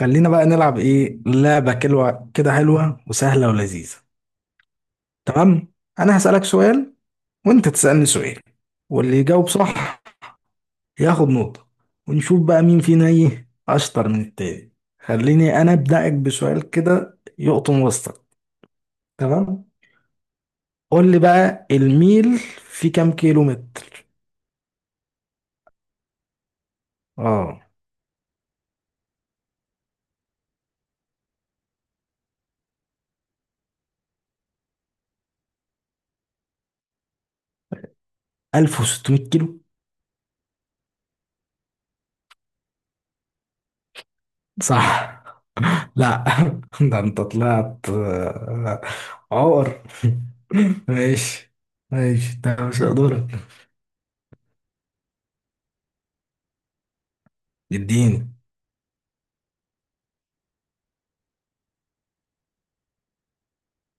خلينا بقى نلعب ايه لعبة كلوة كده حلوة وسهلة ولذيذة. تمام، انا هسألك سؤال وانت تسألني سؤال واللي يجاوب صح ياخد نقطة، ونشوف بقى مين فينا ايه اشطر من التاني. خليني انا ابدأك بسؤال كده يقطن وسطك. تمام، قول لي بقى الميل في كام كيلو متر؟ اه، 1600 كيلو، صح؟ لا. ده انت طلعت عقر. ماشي ماشي، ده مش هقدرك. اديني.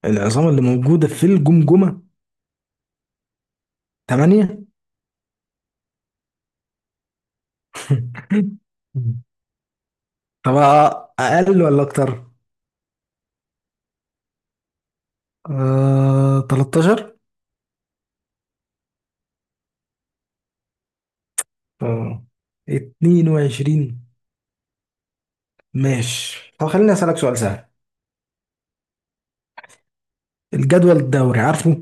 العظام اللي موجودة في الجمجمة؟ تمانية. طب أقل ولا أكتر؟ آه، 13. اه، 22. ماشي، طب خليني أسألك سؤال سهل. الجدول الدوري عارفه؟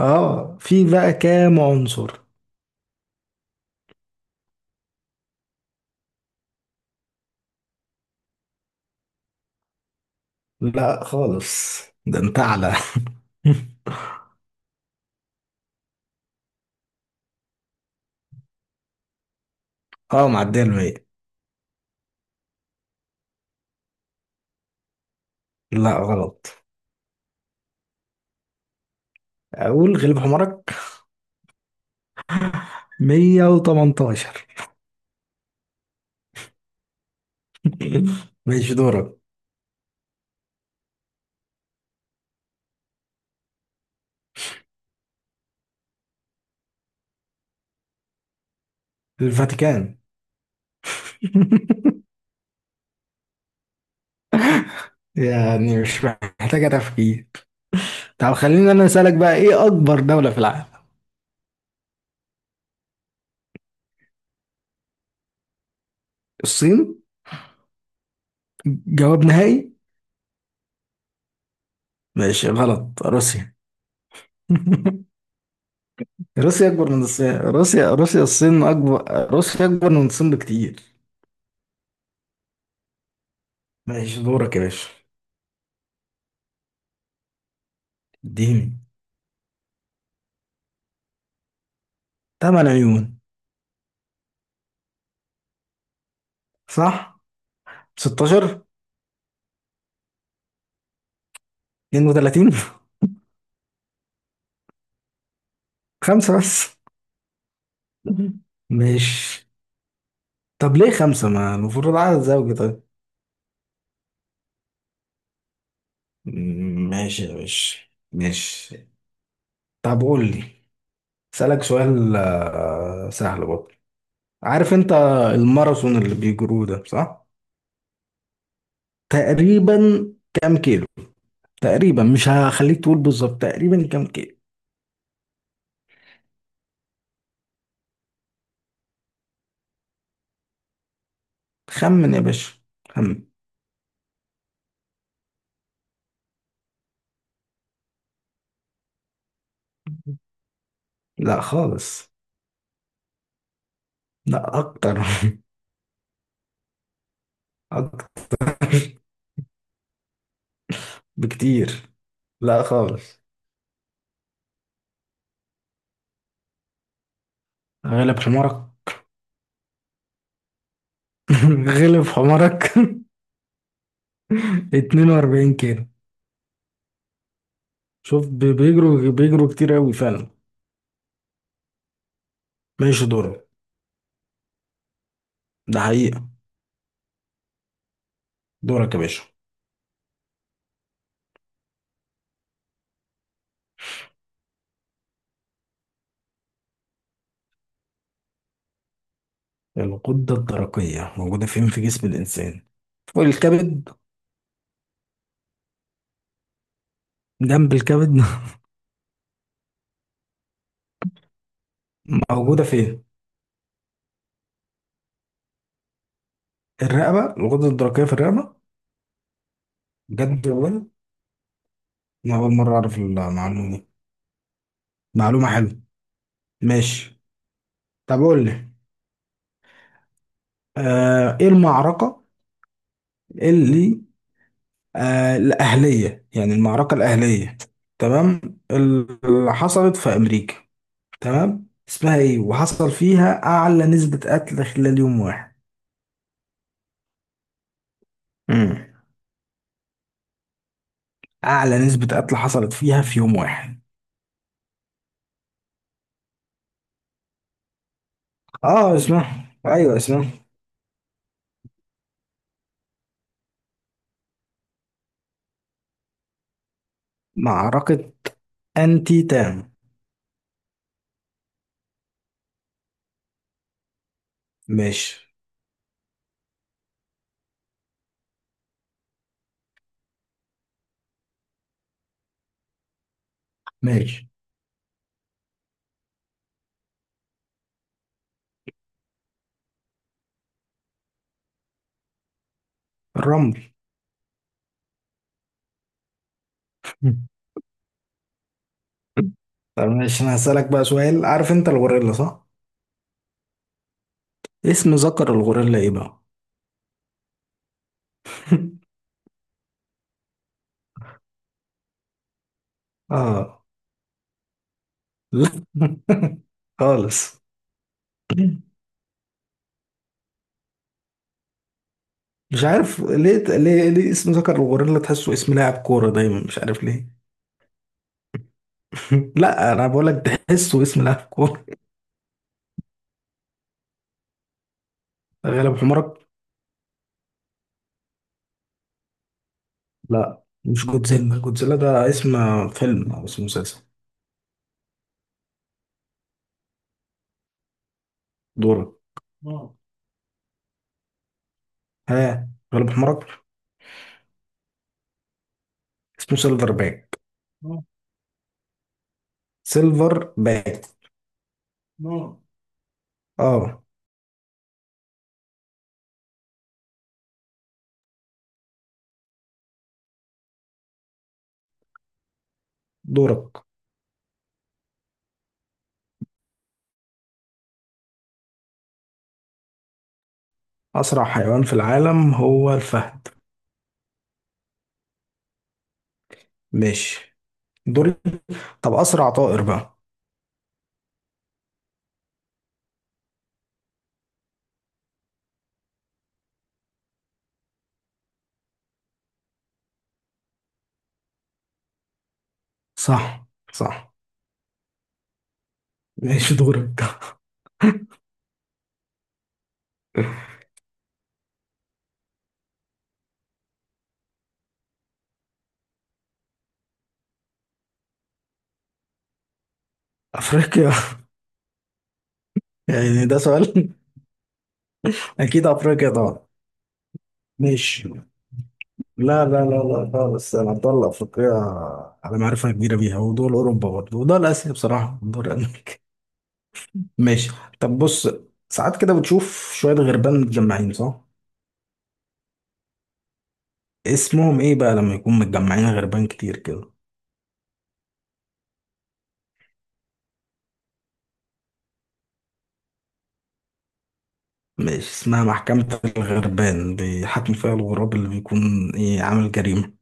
اه، في بقى كام عنصر؟ لا خالص، ده انت أعلى. اه معدية المية. لا غلط. أقول غلب حمارك. 118. ماشي دورك. الفاتيكان، يعني مش محتاجة تفكير. طب خليني أنا أسألك بقى إيه أكبر دولة في العالم. الصين، جواب نهائي. ماشي غلط، روسيا. روسيا أكبر من الصين، روسيا الصين أكبر، روسيا أكبر من الصين بكتير. ماشي دورك يا باشا. اديني. 8 عيون. صح. 16. 32. خمسة بس. ماشي. طب ليه خمسة؟ ما المفروض عدد زوجي؟ طيب. ماشي يا باشا. ماشي، طب قول لي، اسألك سؤال سهل برضه. عارف انت الماراثون اللي بيجروه ده صح؟ تقريبا كام كيلو؟ تقريبا مش هخليك تقول بالظبط، تقريبا كام كيلو؟ خمن يا باشا، خمن. لا خالص. لا اكتر. اكتر بكتير. لا خالص. غلب حمارك. غلب حمارك. 42 كيلو. شوف بيجروا بيجروا كتير قوي فعلا. ماشي دورك. ده حقيقة. دورك يا باشا. الغدة الدرقية موجودة فين في جسم الإنسان؟ فوق الكبد. جنب الكبد. موجودة فين؟ الرقبة، الغدة الدرقية في الرقبة؟ بجد والله. أنا أول مرة أعرف المعلومة دي، معلومة حلوة. ماشي، طب قول لي، إيه المعركة اللي الأهلية، يعني المعركة الأهلية. تمام، اللي حصلت في أمريكا، تمام، اسمها ايه وحصل فيها اعلى نسبة قتل خلال يوم واحد؟ امم اعلى نسبة قتل حصلت فيها في يوم واحد. اه اسمها، ايوه اسمها. معركة انتي تام. ماشي ماشي. الرمل. مم. طب ماشي، انا هسألك بقى سؤال. عارف انت الغوريلا صح؟ اسم ذكر الغوريلا ايه بقى؟ اه. لا. خالص. مش عارف ليه، ليه اسم ذكر الغوريلا تحسه اسم لاعب كورة دايما، مش عارف ليه. لا انا بقول لك تحسه اسم لاعب كوره. غالب حمرك. لا مش جودزيلا، جودزيلا ده اسم فيلم او اسم مسلسل. دورك. اه. ها. غالب حمرك. اسمه سيلفر باك. اه. سيلفر باك. اه. اه. دورك. اسرع حيوان في العالم هو الفهد. ماشي. دوري. طب اسرع طائر بقى. صح. صح. ماشي دورك. افريقيا. يعني ده سؤال؟ اكيد افريقيا طبعا. ماشي، لا خالص، انا مطلع افريقيا على معرفه كبيره بيها، ودول اوروبا برضه، ودول اسيا، بصراحه ودول امريكا. ماشي. طب بص، ساعات كده بتشوف شويه غربان متجمعين صح؟ اسمهم ايه بقى لما يكون متجمعين غربان كتير كده؟ ماشي، اسمها محكمه الغربان، بيحاكم فيها الغراب اللي بيكون ايه عامل جريمه.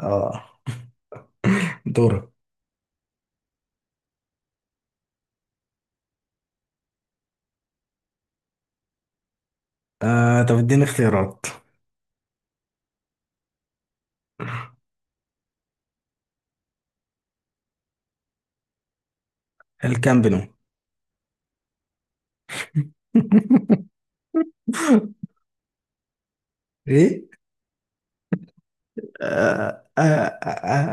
اه. دورة. آه طب اديني اختيارات. الكامب نو. ايه. آه آه آه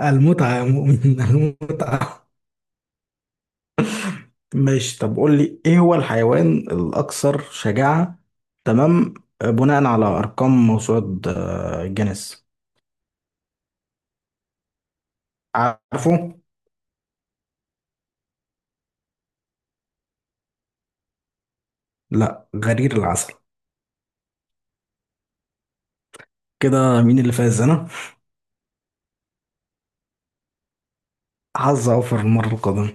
آه، المتعه يا مؤمن المتعه. ماشي، طب قول لي ايه هو الحيوان الاكثر شجاعة، تمام، بناء على ارقام موسوعة جينيس، عارفه؟ لا، غرير العسل. كده مين اللي فاز؟ انا. حظ اوفر المرة القادمة.